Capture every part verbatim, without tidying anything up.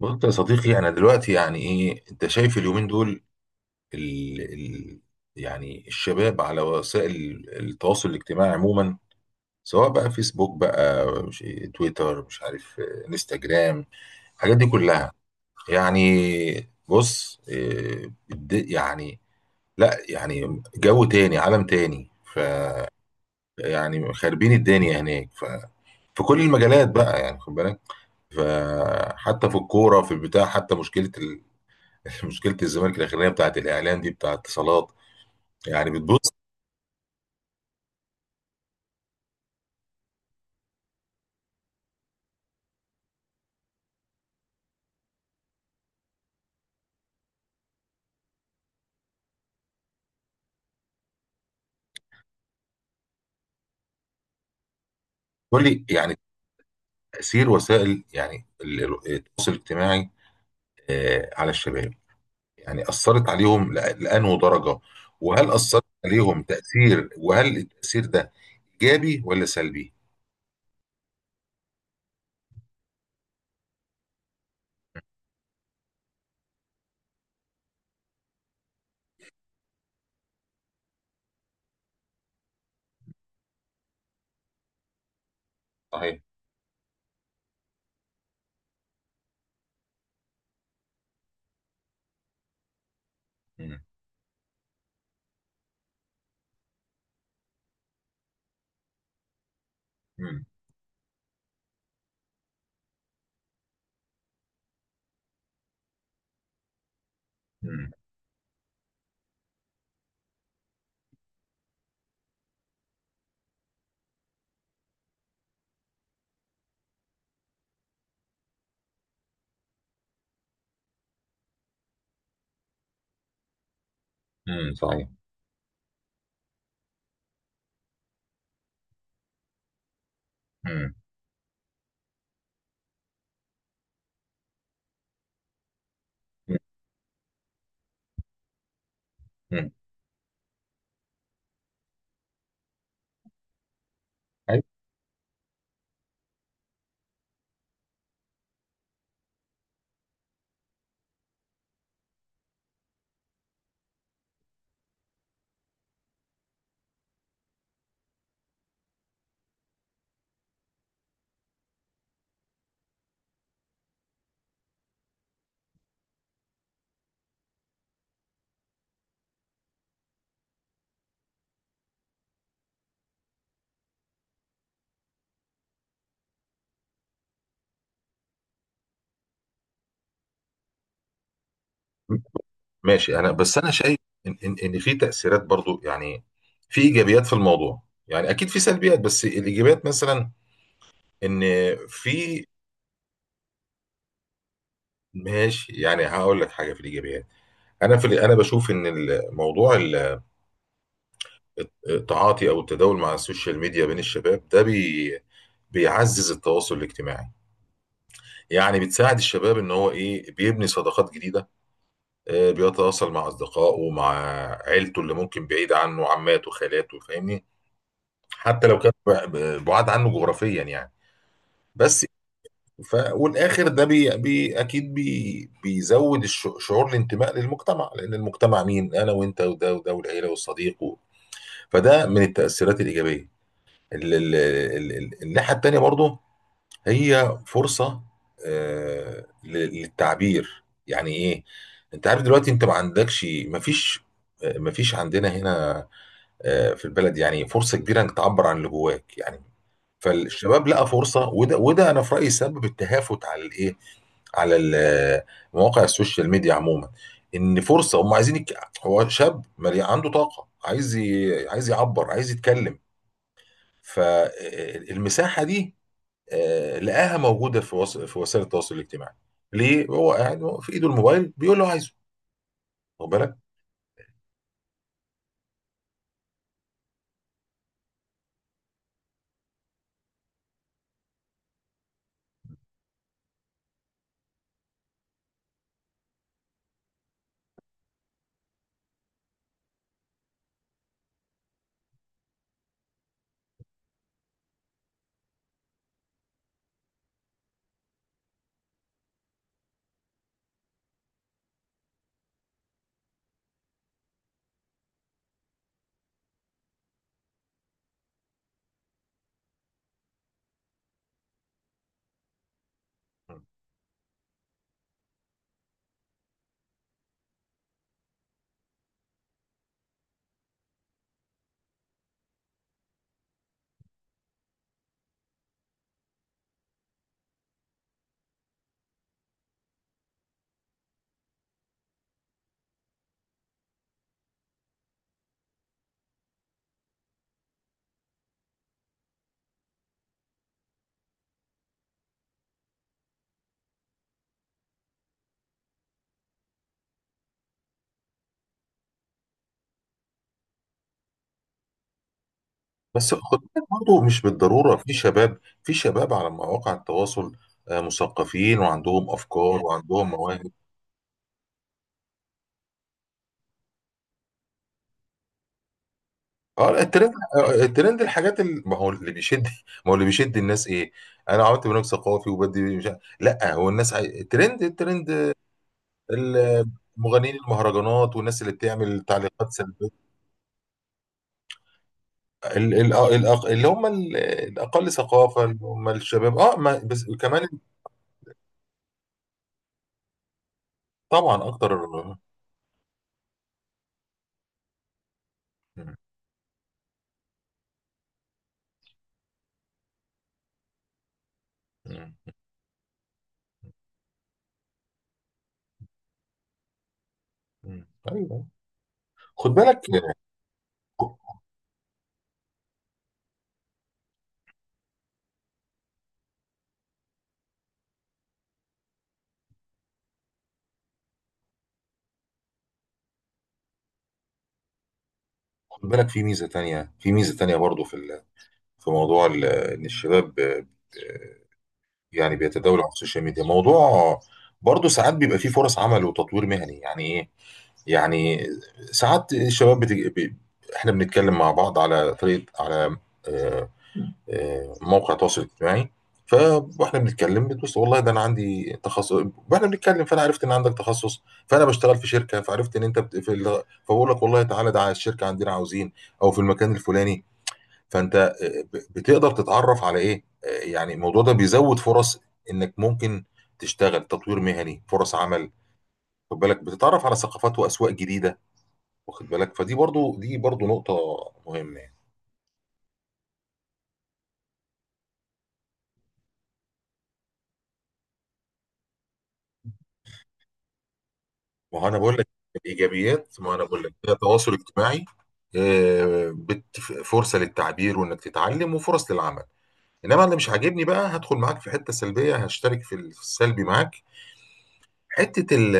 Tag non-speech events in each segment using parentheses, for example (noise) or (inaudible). بص يا صديقي، انا دلوقتي يعني ايه؟ انت شايف اليومين دول، ال ال يعني الشباب على وسائل التواصل الاجتماعي عموما، سواء بقى فيسبوك بقى مش إيه، تويتر مش عارف آه، انستجرام، الحاجات دي كلها يعني. بص، آه، الد- يعني لا، يعني جو تاني، عالم تاني. فيعني خاربين الدنيا هناك، ف في كل المجالات بقى، يعني خد بالك. فحتى في الكوره، في البتاع، حتى مشكله (laughs) مشكله الزمالك الاخرانيه بتاعت الاعلام دي، بتاعت اتصالات، يعني بتبص. كل يعني تاثير وسائل يعني ال- ال- التواصل الاجتماعي آه، على الشباب، يعني اثرت عليهم لأ- لانه درجه، وهل اثرت عليهم تاثير؟ وهل التاثير ده ايجابي ولا سلبي؟ صحيح. مم. مم. مم. مم. صحيح. مم. مم. مم. أيوة. ماشي. انا بس انا شايف ان ان إن في تاثيرات برضو، يعني في ايجابيات في الموضوع. يعني اكيد في سلبيات، بس الايجابيات مثلا، ان في. ماشي، يعني هقول لك حاجه في الايجابيات. انا في ال- انا بشوف ان الموضوع ال- التعاطي او التداول مع السوشيال ميديا بين الشباب ده بي بيعزز التواصل الاجتماعي. يعني بتساعد الشباب ان هو ايه، بيبني صداقات جديده، آه، بيتواصل مع اصدقائه ومع عيلته اللي ممكن بعيد عنه، عماته، خالاته، فاهمني؟ حتى لو كان ب- ب- بعاد عنه جغرافيا يعني. بس ف... والاخر ده بي... بي... اكيد بي... بيزود الش... شعور الانتماء للمجتمع، لان المجتمع مين؟ انا وانت وده وده والعيله والصديق و، فده من التاثيرات الايجابيه. ال- ال- ال- ال- الناحيه التانيه برضو، هي فرصه آه، لل- للتعبير، يعني ايه؟ انت عارف دلوقتي انت ما عندكش، ما فيش، ما فيش عندنا هنا آه، في البلد يعني فرصه كبيره انك تعبر عن اللي جواك يعني. فالشباب لقى فرصه، وده وده انا في رايي سبب التهافت على الايه، على ال- مواقع السوشيال ميديا عموما. ان فرصه، هم عايزين يك... هو شاب مليان عنده طاقه، عايز ي... عايز يعبر، عايز يتكلم. فالمساحه دي آه، لقاها موجوده في وس... في وسائل التواصل الاجتماعي. ليه هو قاعد هو في ايده الموبايل بيقول له عايزه؟ واخد بالك. بس خد بالك برضه، مش بالضروره، في شباب في شباب على مواقع التواصل آه، مثقفين وعندهم افكار وعندهم مواهب. اه، الترند. آه، الترند، الحاجات اللي، ما هو اللي بيشد، ما هو اللي بيشد الناس ايه. انا عملت برنامج ثقافي وبدي مش عارف، لا هو الناس عاي... الترند الترند المغنيين، المهرجانات والناس اللي بتعمل تعليقات سلبيه. ال... ال... الأق... اللي هم ال... الاقل ثقافه، اللي هم الشباب اه ما... بس كمان. طبعا اكتر. مم. مم. مم. ايوه، خد بالك. خد بالك، في ميزه تانية، في ميزه تانية برضو، في ال... في موضوع ال... ان الشباب يعني بيتداولوا على السوشيال ميديا موضوع. برضه ساعات بيبقى فيه فرص عمل وتطوير مهني، يعني ايه؟ يعني ساعات الشباب بتج... بي... احنا بنتكلم مع بعض على طريقه، على آه، آه، موقع تواصل اجتماعي. ف- واحنا بنتكلم، بتبص والله ده انا عندي تخصص، واحنا بنتكلم فانا عرفت ان عندك تخصص، فانا بشتغل في شركه، فعرفت ان انت بت... في ال... فبقول لك والله تعالى ده على الشركه عندنا عاوزين، او في المكان الفلاني. فانت آه، ب- بتقدر تتعرف على ايه، آه، يعني الموضوع ده بيزود فرص، انك ممكن تشتغل، تطوير مهني، فرص عمل. خد بالك، بتتعرف على ثقافات واسواق جديده، واخد بالك. فدي برضو دي برضو نقطه مهمه يعني. ما هو انا بقول لك الايجابيات، ما انا بقول لك هي تواصل اجتماعي، آه، بت- فرصه للتعبير وانك تتعلم، وفرص للعمل. انما اللي مش عاجبني بقى، هدخل معاك في حته سلبيه، هشترك في السلبي معاك. حته ال-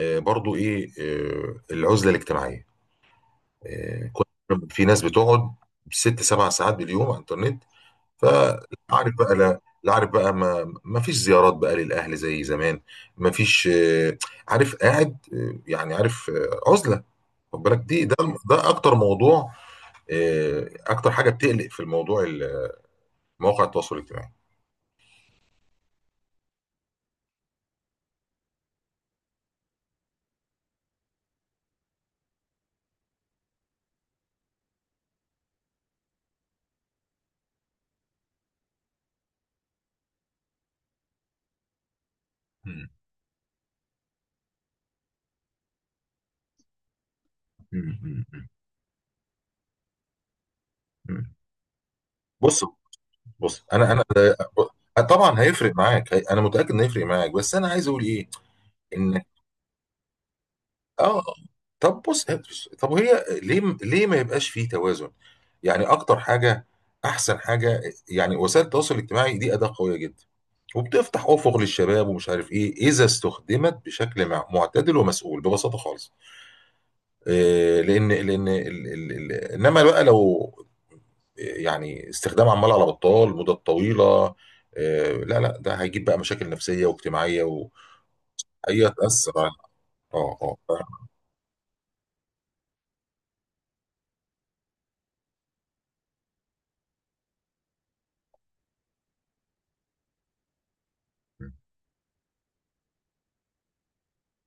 آه، برضو ايه، آه، العزله الاجتماعيه. آه، كنت في ناس بتقعد ست سبع ساعات باليوم على الانترنت. فعارف بقى، لا لا عارف بقى، ما ما فيش زيارات بقى للاهل زي زمان، ما فيش آه، عارف قاعد، آه، يعني عارف آه، عزله. خد بالك، دي ده ده اكتر موضوع، آه، اكتر حاجه بتقلق في الموضوع ال- مواقع التواصل الاجتماعي. مم. مم. مم. مم. بص. بص انا انا. طبعا هيفرق معاك، هي- انا متاكد انه هيفرق معاك، بس انا عايز اقول ايه. ان اه. طب بص، طب هي ليه ليه ما يبقاش فيه توازن؟ يعني اكتر حاجه، احسن حاجه، يعني وسائل التواصل الاجتماعي دي اداه قويه جدا، وبتفتح افق للشباب ومش عارف ايه، اذا استخدمت بشكل مع- معتدل ومسؤول ببساطه خالص. إيه، لان لان ال- ال- ال- انما بقى لو يعني استخدام عمال على بطال مده طويله، إيه، لا لا ده هيجيب بقى مشاكل نفسيه واجتماعيه، وهي تاثر على اه. اه ف-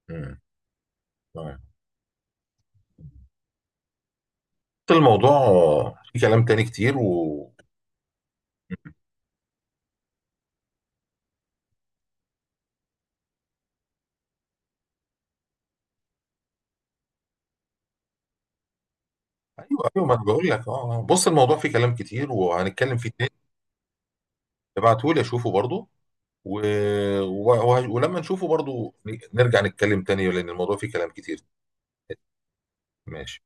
مم. الموضوع في كلام تاني كتير و. ايوه ايوه ما انا بقول لك، اه آه. بص، الموضوع فيه كلام كتير، وهنتكلم فيه تاني. ابعته لي اشوفه برضو، و... و... ولما نشوفه برضو، نرجع نتكلم تاني، لان الموضوع فيه كلام كتير. ماشي.